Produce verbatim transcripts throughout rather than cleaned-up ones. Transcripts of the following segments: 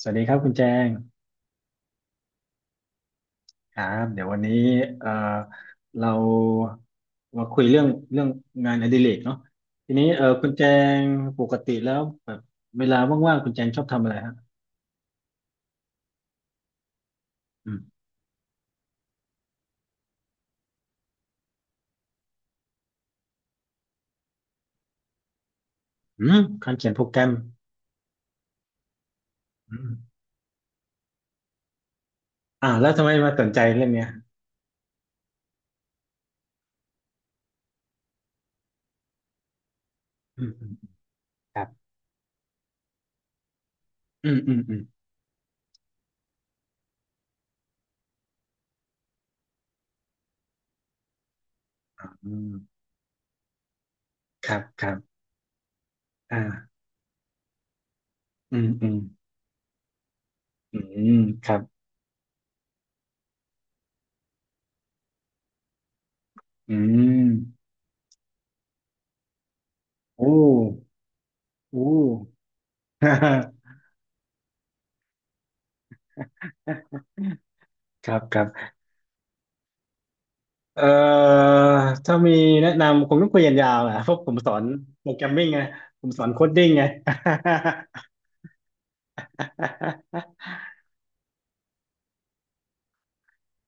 สวัสดีครับคุณแจงครับเดี๋ยววันนี้เอ่อเรามาคุยเรื่องเรื่องงานอดิเรกเนาะทีนี้เอ่อคุณแจงปกติแล้วแบบเวลาว่างๆคุณแจงชอบทำอะไรฮะอืมอืมการเขียนโปรแกรมอืมอ่าแล้วทำไมมาสนใจเรื่องเนี้ยอืมอืมครับอืมอืมอืมอ่าอืมครับครับอ่าอืมอืมอืมครับอืมโอ้โอ้ ครับครับ เอ่อถ้ามีแนะนำคงต้องคุยกันยาวแหละเพราะผมสอนโปรแกรมมิ่งไงผมสอนโคดดิ้งไง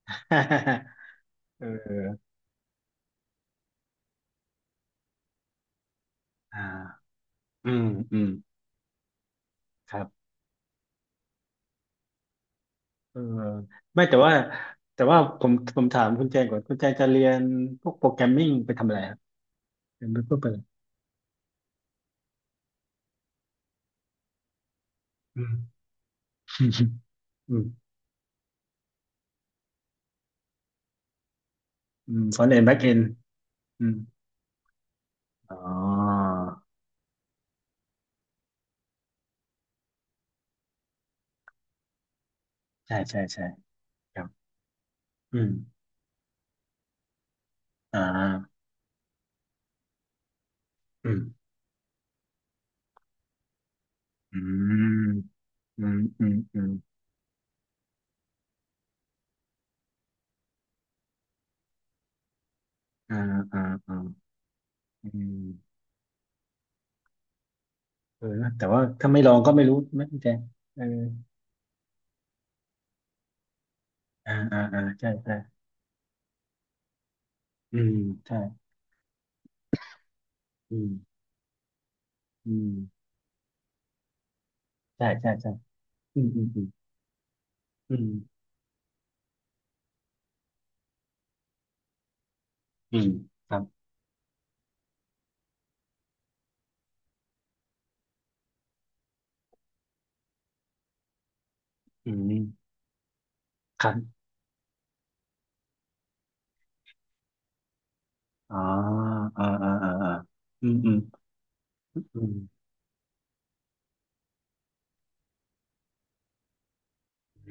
เอออ่าอืมอืมครับเออไม่แต่ว่าแต่ว่าผมผมถามคุณแจงก่อนคุณแจงจะเรียนพวกโปรแกรมมิ่งไปทำอะไรครับเรียนไปเพื่อไปอะไรอืม อืมอืมฟอนต์เอนด์แบ็กเอนด์อืมอ๋อใช่ใช่ใช่ครับอืมอ่าอืมอืม อืมอืมอืมอ่าอ่าอ่าอืมเออนะแต่ว่าถ้าไม่ลองก็ไม่รู้ไม่แจ้งเอออ่าอ่าอ่าใช่ใช่อืมใช่อืมอืมใช่ใช่ใช่อืมอืมอืมอืมอืมครับอืมครับอ๋ออ่าอ่าอ่าอ่าอืมอืมอืม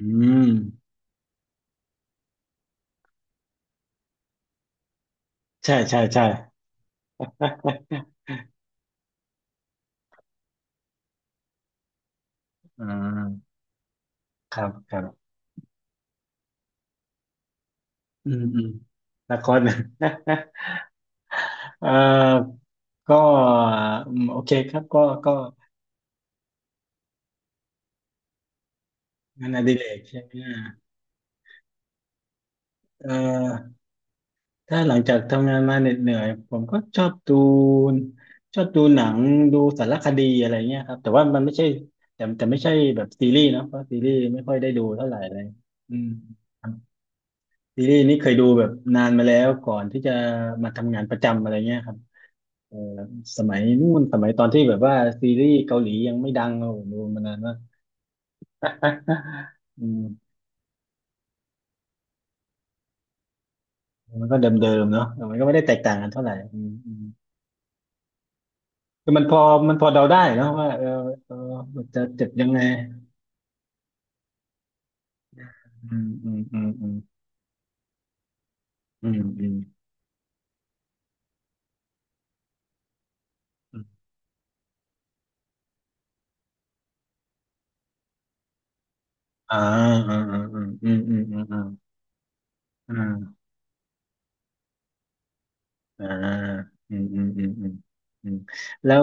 อืมใช่ใช่ใช่ อ่าครับครับอืมอืมละคร เอ่อก็อืมโอเคครับก็ก็ งานอดิเรกใช่ไหมอ่ะเอ่อถ้าหลังจากทำงานมาเหน็ดเหนื่อยผมก็ชอบดูชอบดูหนังดูสารคดีอะไรเงี้ยครับแต่ว่ามันไม่ใช่แต่แต่ไม่ใช่แบบซีรีส์เนอะเพราะซีรีส์ไม่ค่อยได้ดูเท่าไหร่เลยอืมครับซีรีส์นี่เคยดูแบบนานมาแล้วก่อนที่จะมาทำงานประจำอะไรเงี้ยครับเออสมัยนู่นสมัยตอนที่แบบว่าซีรีส์เกาหลียังไม่ดังเราดูมานานมาก อืมมันก็เดิมๆเนาะมันก็ไม่ได้แตกต่างกันเท่าไหร่อืม คือมันพอมันพอเดาได้เนอะว่าเออเออมันจะเจ็บยังไงอืมอืมอืมอืมอืมอืมอืมอ่าอ่าอ่าอืมอืมอืมอืมอืมอ่าอาอืมอืมอืมอืมอืมแล้ว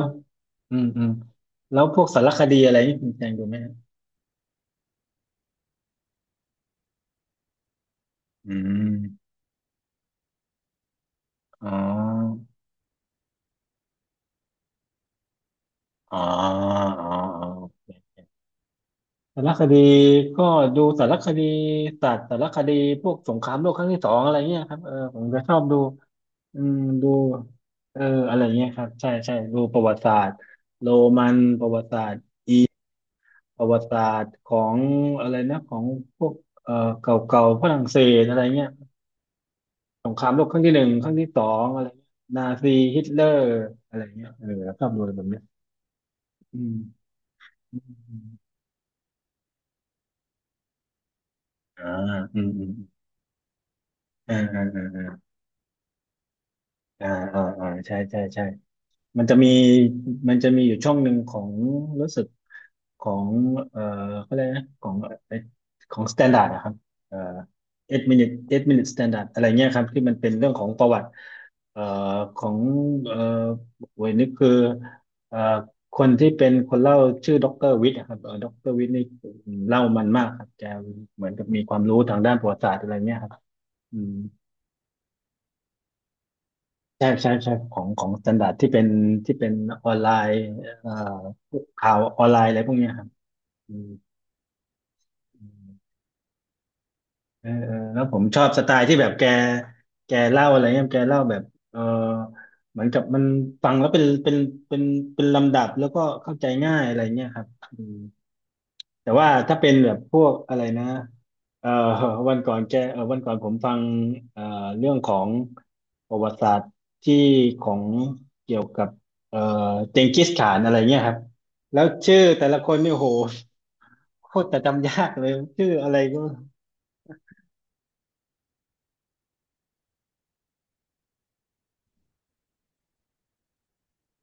อืมอืมแล้วพวกสารคดีอะไรนี่คุณแจงดูไหมฮะอืมอ๋ออ๋ออ๋ออ๋อ สารคดีก็ดูสารคดีสัตว์สารคดีพวกสงครามโลกครั้งที่สองอะไรเงี้ยครับเออผมจะชอบดูอืมดูเอออะไรเงี้ยครับใช่ใช่ดูประวัติศาสตร์โรมันประวัติศาสตร์ประวัติศาสตร์ของอะไรนะของพวกเออเก่าเก่าฝรั่งเศสอะไรเงี้ยสงครามโลกครั้งที่หนึ่งครั้งที่สองอะไรเงี้ยนาซีฮิตเลอร์อะไรเงี้ยเออชอบดูอะไรแบบเนี้ยอืมอืมอืมอ่าอืมอืมอ่าอ่าอ่าอ่าอ่าอ่าใช่ใช่ใช่ มันจะมีมันจะมีอยู่ช่องหนึ่งของรู้สึกของเอ่อเขาเรียกนะของเอ่อของสแตนดาร์ดนะครับเอ่อ็ดมินิเอ็ดมินิสแตนดาร์ดอะไรเงี้ยครับที่มันเป็นเรื่องของประวัติเอ่อของเอ่อเวยนี่คือเอ่อคนที่เป็นคนเล่าชื่อด็อกเตอร์วิทย์นะครับเอ่อด็อกเตอร์วิทย์นี่เล่ามันมากครับแกเหมือนกับมีความรู้ทางด้านประวัติศาสตร์อะไรเงี้ยครับอืม ใช่ใช่ใช่ของของสแตนดาร์ดที่เป็นที่เป็นออนไลน์เอ่อพวกข่าวออนไลน์อะไรพวกเนี้ยครับอืมอืมเออเออแล้วผมชอบสไตล์ที่แบบแกแกเล่าอะไรเงี้ยแกเล่าแบบเออเหมือนกับมันฟังแล้วเป็นเป็นเป็นเป็นลำดับแล้วก็เข้าใจง่ายอะไรเงี้ยครับ แต่ว่าถ้าเป็นแบบพวกอะไรนะเอ่อวันก่อนแกเอ่อวันก่อนผมฟังเอ่อเรื่องของประวัติศาสตร์ที่ของเกี่ยวกับเอ่อเจงกิสข่านอะไรเงี้ยครับแล้วชื่อแต่ละคนเนี่ยโหโคตรจะจำยากเลยชื่ออะไรก็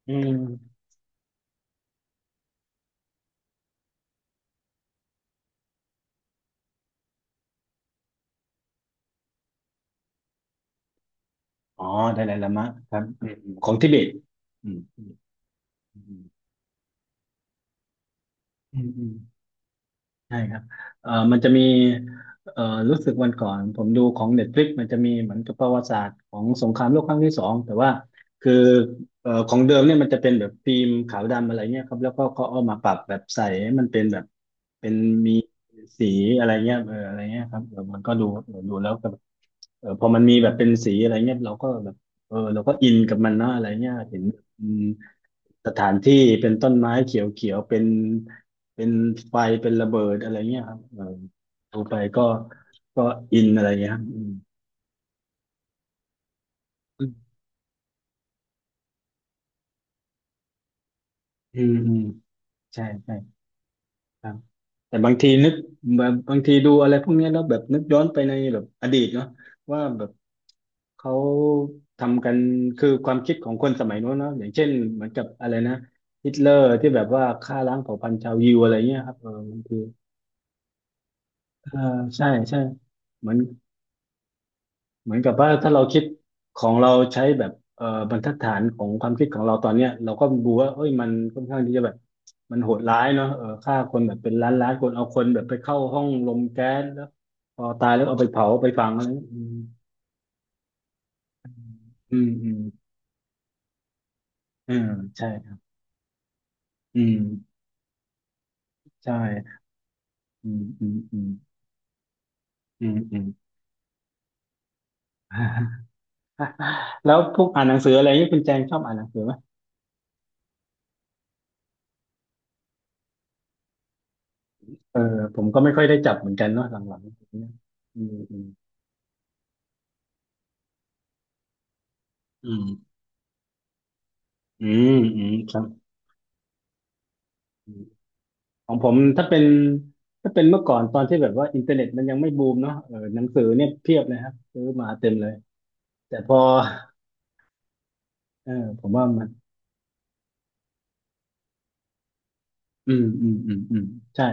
อืมอ๋อไดไลลามะครับอืมของทิเบตอืมอืมอืม ใช่ครับเอ่อมันจะมีเอ่อรู้สึกวันก่อน ผมดูของ Netflix มันจะมีเหมือนกับประวัติศาสตร์ของสงครามโลกครั้งที่สองแต่ว่าคือเอ่อของเดิมเนี่ยมันจะเป็นแบบฟิล์มขาวดำอะไรเงี้ยครับแล้วก็เขาเอามาปรับแบบใสให้มันเป็นแบบเป็นมีสีอะไรเงี้ยเอออะไรเงี้ยครับเออมันก็ดูเออดูแล้วก็แบบเออพอมันมีแบบเป็นสีอะไรเงี้ยเราก็แบบเออเราก็อินกับมันนะอะไรเงี้ยเห็น สถานที่เป็นต้นไม้เขียวๆเป็นเป็นไฟเป็นระเบิดอะไรเงี้ยครับเออดูไปก็ก็อินอะไรเงี้ยครับอืมอืมอืมใช่ใช่ครับแต่บางทีนึกแบบบางทีดูอะไรพวกเนี้ยแล้วแบบนึกย้อนไปในแบบอดีตเนาะว่าแบบเขาทำกันคือความคิดของคนสมัยโน้นเนาะอย่างเช่นเหมือนกับอะไรนะฮิตเลอร์ที่แบบว่าฆ่าล้างเผ่าพันธุ์ชาวยิวอะไรเงี้ยครับเออบางทีเออใช่ใช่เหมือน เหมือนกับว่าถ้าเราคิดของเราใช้แบบเอ่อบรรทัดฐานของความคิดของเราตอนเนี้ยเราก็ดูว่าเอ้ยมันค่อนข้างที่จะแบบมันโหดร้ายเนาะเออฆ่าคนแบบเป็นล้านล้านคนเอาคนแบบไปเข้าห้องลมแก๊สแล้วพอตายแล้วเอาไปเผาไปฝังอะไรอืมอืมอืมเออใช่ครับอืมใช่อืมอืมอืมอืมอืม แล้วพวกอ่านหนังสืออะไรนี่คุณแจงชอบอ่านหนังสือไหมเออผมก็ไม่ค่อยได้จับเหมือนกันเนาะหลังๆอืมอืมอืมอืมอืมครับ ของผมถ้าเป็นถ้าเป็นเมื่อก่อนตอนที่แบบว่าอินเทอร์เน็ตมันยังไม่บูมเนาะเออหนังสือเนี่ยเพียบเลยครับซื้อมาเต็มเลยแต่พอเออผมว่ามัน อืมอืมอืมอืมใช่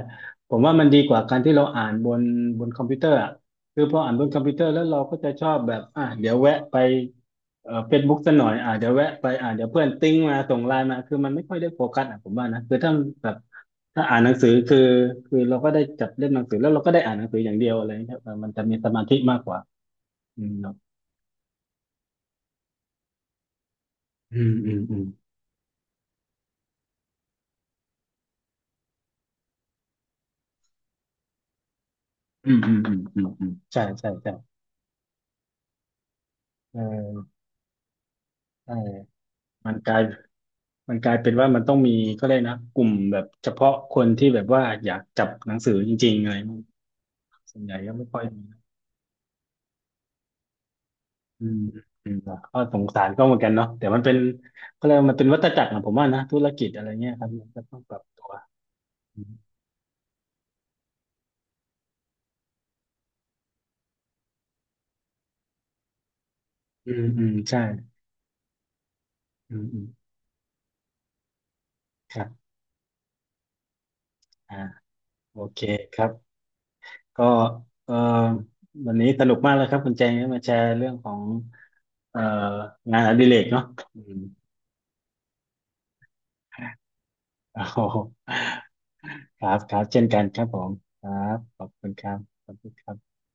ผมว่ามันดีกว่าการที่เราอ่านบนบนคอมพิวเตอร์อ่ะคือพออ่านบนคอมพิวเตอร์แล้วเราก็จะชอบแบบอ่ะเดี๋ยวแวะไปเอ่อเฟซบุ๊กสักหน่อยอ่ะเดี๋ยวแวะไปอ่ะเดี๋ยวเพื่อนติ้งมาส่งไลน์มาคือมันไม่ค่อยได้โฟกัสอ่ะผมว่านะคือถ้าแบบถ้าอ่านหนังสือคือคือเราก็ได้จับเล่มหนังสือแล้วเราก็ได้อ่านหนังสืออย่างเดียวอะไรเงี้ยเออมันจะมีสมาธิมากกว่าอืมเนาะอืมอืมอืมอืมอืมอืมอืมอืมใช่ใช่ใช่เออใช่มันกลาย มันกลายเป็นว่ามันต้องมีก็เลยกนะกลุ่มแบบเฉพาะคนที่แบบว่าอยากจับหนังสือจริงๆอะไรมั้งส่วนใหญ่ก็ไม่ค่อยมีนะอืมอืมก็สงสารก็เหมือนกันเนาะแต่มันเป็นก็เลยกว่ามันเป็นวัฏจักรนะผมว่านะธุรกิจอะไรเงี้ยครับมันก็ต้องปรับตัวอืมอืมอืมใช่อืมอืมครับอ่าโอเคครับก็เอ่อวันนี้สนุกมากเลยครับคุณแจงที่มาแชร์เรื่องของเอ่องานอดิเรกเนาะอืมโอ้โห ครับครับเช่นกันครับผมครับขอบคุณครับขอบคุณครับ